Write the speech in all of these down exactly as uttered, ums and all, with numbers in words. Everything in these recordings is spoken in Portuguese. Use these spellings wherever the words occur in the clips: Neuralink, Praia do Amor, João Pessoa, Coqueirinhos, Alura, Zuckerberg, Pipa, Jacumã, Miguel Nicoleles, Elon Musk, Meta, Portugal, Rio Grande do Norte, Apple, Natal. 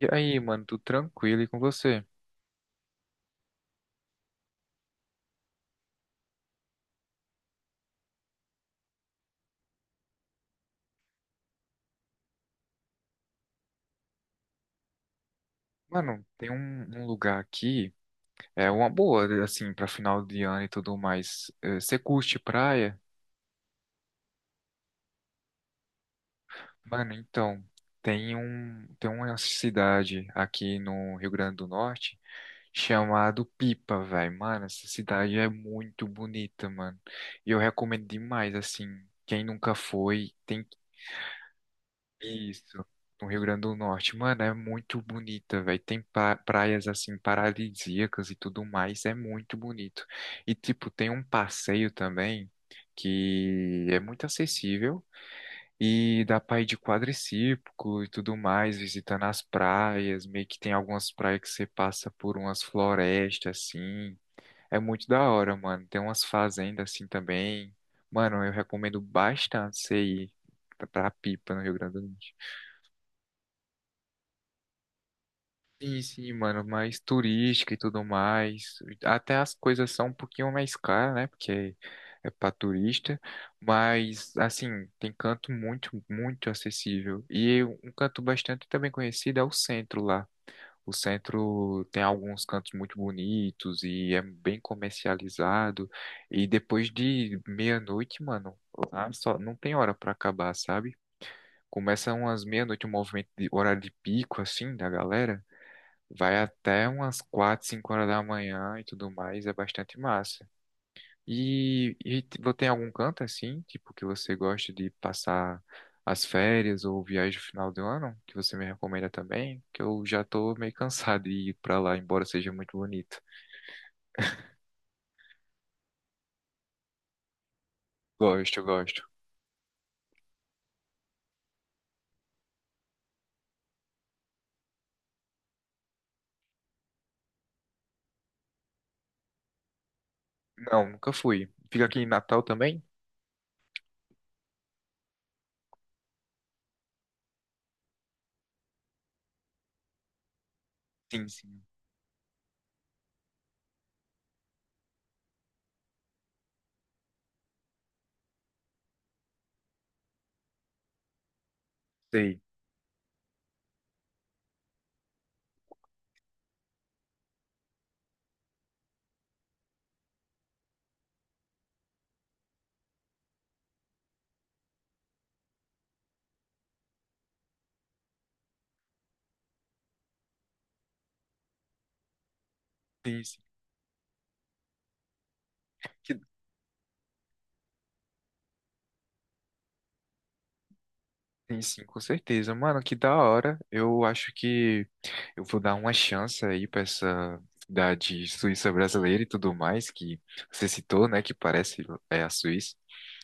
E aí, mano, tudo tranquilo e com você? Mano, tem um, um lugar aqui, é uma boa, assim, pra final de ano e tudo mais. Eh, Você curte praia? Mano, então, tem um, tem uma cidade aqui no Rio Grande do Norte chamado Pipa, velho. Mano, essa cidade é muito bonita, mano. E eu recomendo demais, assim, quem nunca foi, tem. Isso, no Rio Grande do Norte. Mano, é muito bonita, velho. Tem pa- praias assim paradisíacas e tudo mais, é muito bonito. E tipo, tem um passeio também que é muito acessível e dá pra ir de quadriciclo e tudo mais, visitando as praias. Meio que tem algumas praias que você passa por umas florestas assim. É muito da hora, mano. Tem umas fazendas assim também. Mano, eu recomendo bastante você ir pra pra Pipa, no Rio Grande do Norte. Sim, sim, mano, mais turística e tudo mais. Até as coisas são um pouquinho mais caras, né? Porque é pra turista, mas assim, tem canto muito, muito acessível. E um canto bastante também conhecido é o centro lá. O centro tem alguns cantos muito bonitos e é bem comercializado. E depois de meia-noite, mano, lá só não tem hora pra acabar, sabe? Começa umas meia-noite, o movimento de horário de pico, assim, da galera. Vai até umas quatro, cinco horas da manhã e tudo mais, é bastante massa. E, e t- você tem algum canto assim, tipo, que você gosta de passar as férias ou viagem no final do ano, que você me recomenda também? Que eu já tô meio cansado de ir pra lá, embora seja muito bonito. Gosto, gosto. Não, nunca fui. Fica aqui em Natal também? Sim, sim. Sei. Sim, sim. Que- Sim, sim, com certeza. Mano, que da hora. Eu acho que eu vou dar uma chance aí para essa da de Suíça brasileira e tudo mais que você citou, né? Que parece é a Suíça.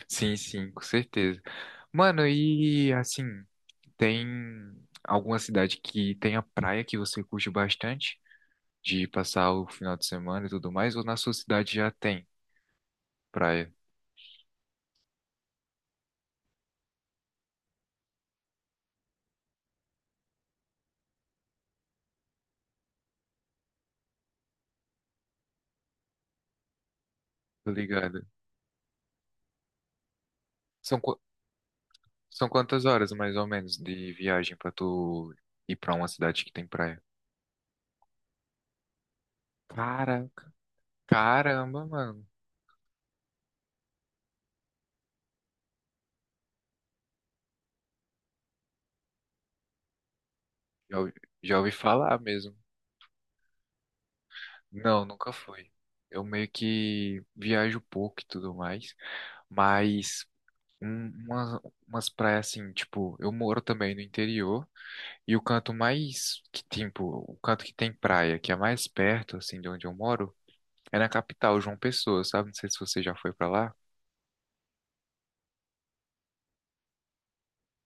Sim, sim, com certeza. Mano, e assim, tem alguma cidade que tenha praia que você curte bastante de passar o final de semana e tudo mais, ou na sua cidade já tem praia? Tô ligado. São, qu- são quantas horas mais ou menos de viagem pra tu ir pra uma cidade que tem praia? Cara, caramba, mano. Já ouvi, já ouvi falar mesmo. Não, nunca fui. Eu meio que viajo pouco e tudo mais, mas um- umas, umas praias assim, tipo, eu moro também no interior e o canto mais que tipo, o canto que tem praia, que é mais perto assim de onde eu moro, é na capital, João Pessoa, sabe? Não sei se você já foi pra lá.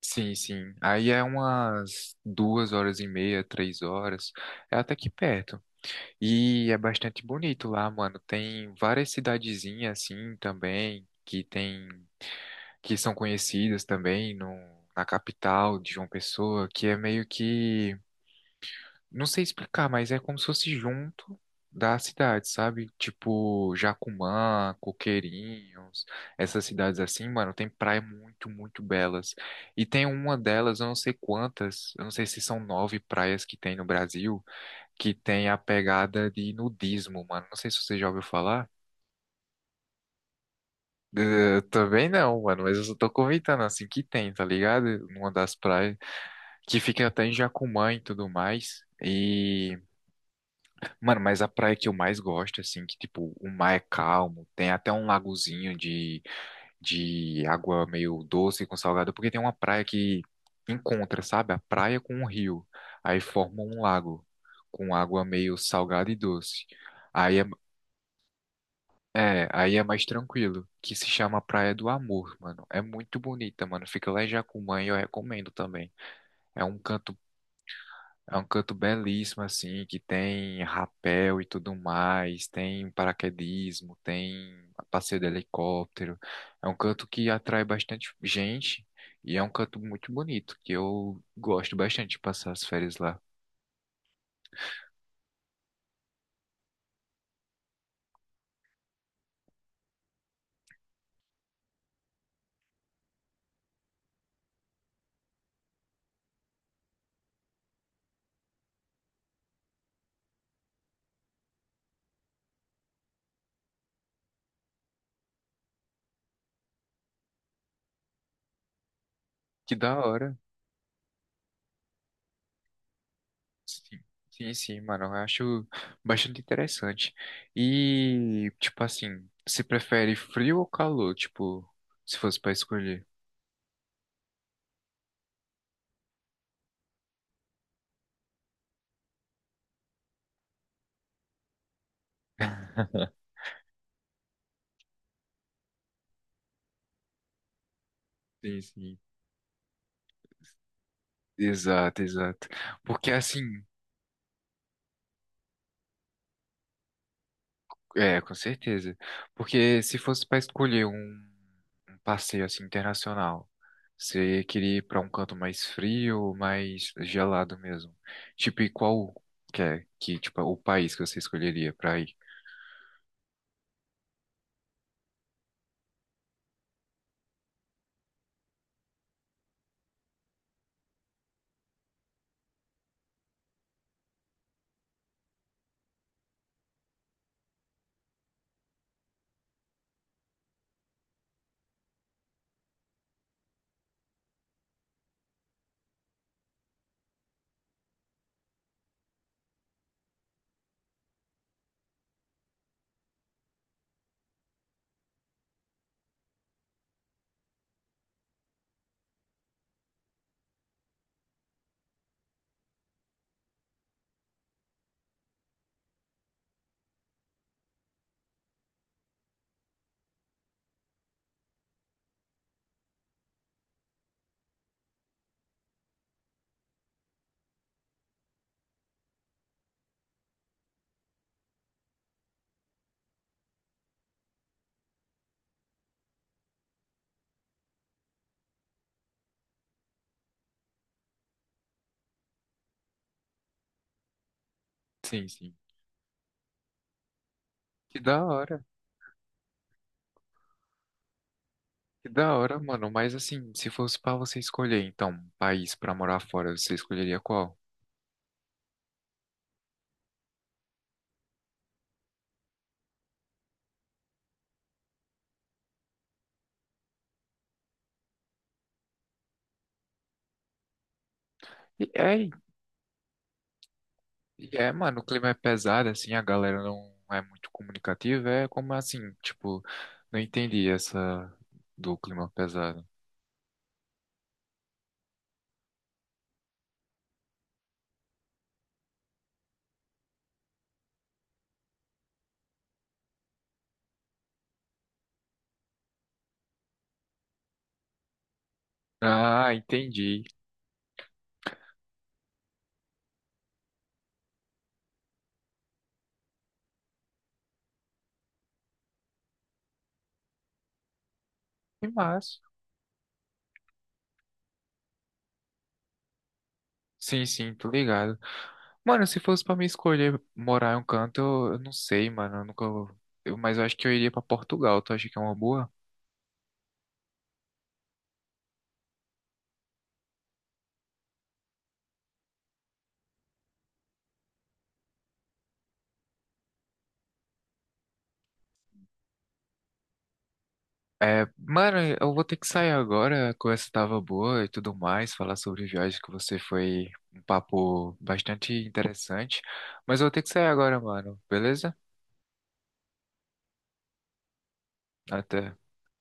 Sim, sim. Aí é umas duas horas e meia, três horas. É até que perto. E é bastante bonito lá, mano. Tem várias cidadezinhas assim também que tem que são conhecidas também no, na capital de João Pessoa, que é meio que não sei explicar, mas é como se fosse junto da cidade, sabe? Tipo Jacumã, Coqueirinhos, essas cidades assim, mano, tem praias muito, muito belas. E tem uma delas, eu não sei quantas, eu não sei se são nove praias que tem no Brasil que tem a pegada de nudismo, mano. Não sei se você já ouviu falar. Eh, também não, mano, mas eu só tô comentando assim que tem, tá ligado? Numa das praias que fica até em Jacumã e tudo mais. E, mano, mas a praia que eu mais gosto, assim, que tipo, o mar é calmo, tem até um lagozinho de, de água meio doce com salgado, porque tem uma praia que encontra, sabe? A praia com um rio, aí forma um lago com água meio salgada e doce. Aí é. É, aí é mais tranquilo, que se chama Praia do Amor, mano. É muito bonita, mano. Fica lá em Jacumã e eu recomendo também. É um canto, é um canto belíssimo assim, que tem rapel e tudo mais, tem paraquedismo, tem passeio de helicóptero. É um canto que atrai bastante gente e é um canto muito bonito, que eu gosto bastante de passar as férias lá. Que da hora. Sim, sim, sim, mano, eu acho bastante interessante. E, tipo assim, você prefere frio ou calor? Tipo, se fosse pra escolher. Sim, sim. Exato, exato. Porque assim, é, com certeza. Porque se fosse pra escolher um, um passeio assim internacional, você queria ir pra um canto mais frio ou mais gelado mesmo? Tipo, e qual que é que, tipo, o país que você escolheria pra ir? Sim, sim. Que da hora. Que da hora, mano. Mas assim, se fosse pra você escolher, então, um país pra morar fora, você escolheria qual? E é, e é, mano, o clima é pesado, assim, a galera não é muito comunicativa. É como assim, tipo, não entendi essa do clima pesado. Ah, entendi. Que massa. Sim, sim, tô ligado. Mano, se fosse pra me escolher morar em um canto, eu, eu não sei, mano. Eu nunca. eu- mas eu acho que eu iria pra Portugal. Tu acha que é uma boa? É, mano, eu vou ter que sair agora. A conversa tava boa e tudo mais. Falar sobre viagem que você foi um papo bastante interessante. Mas eu vou ter que sair agora, mano. Beleza? Até.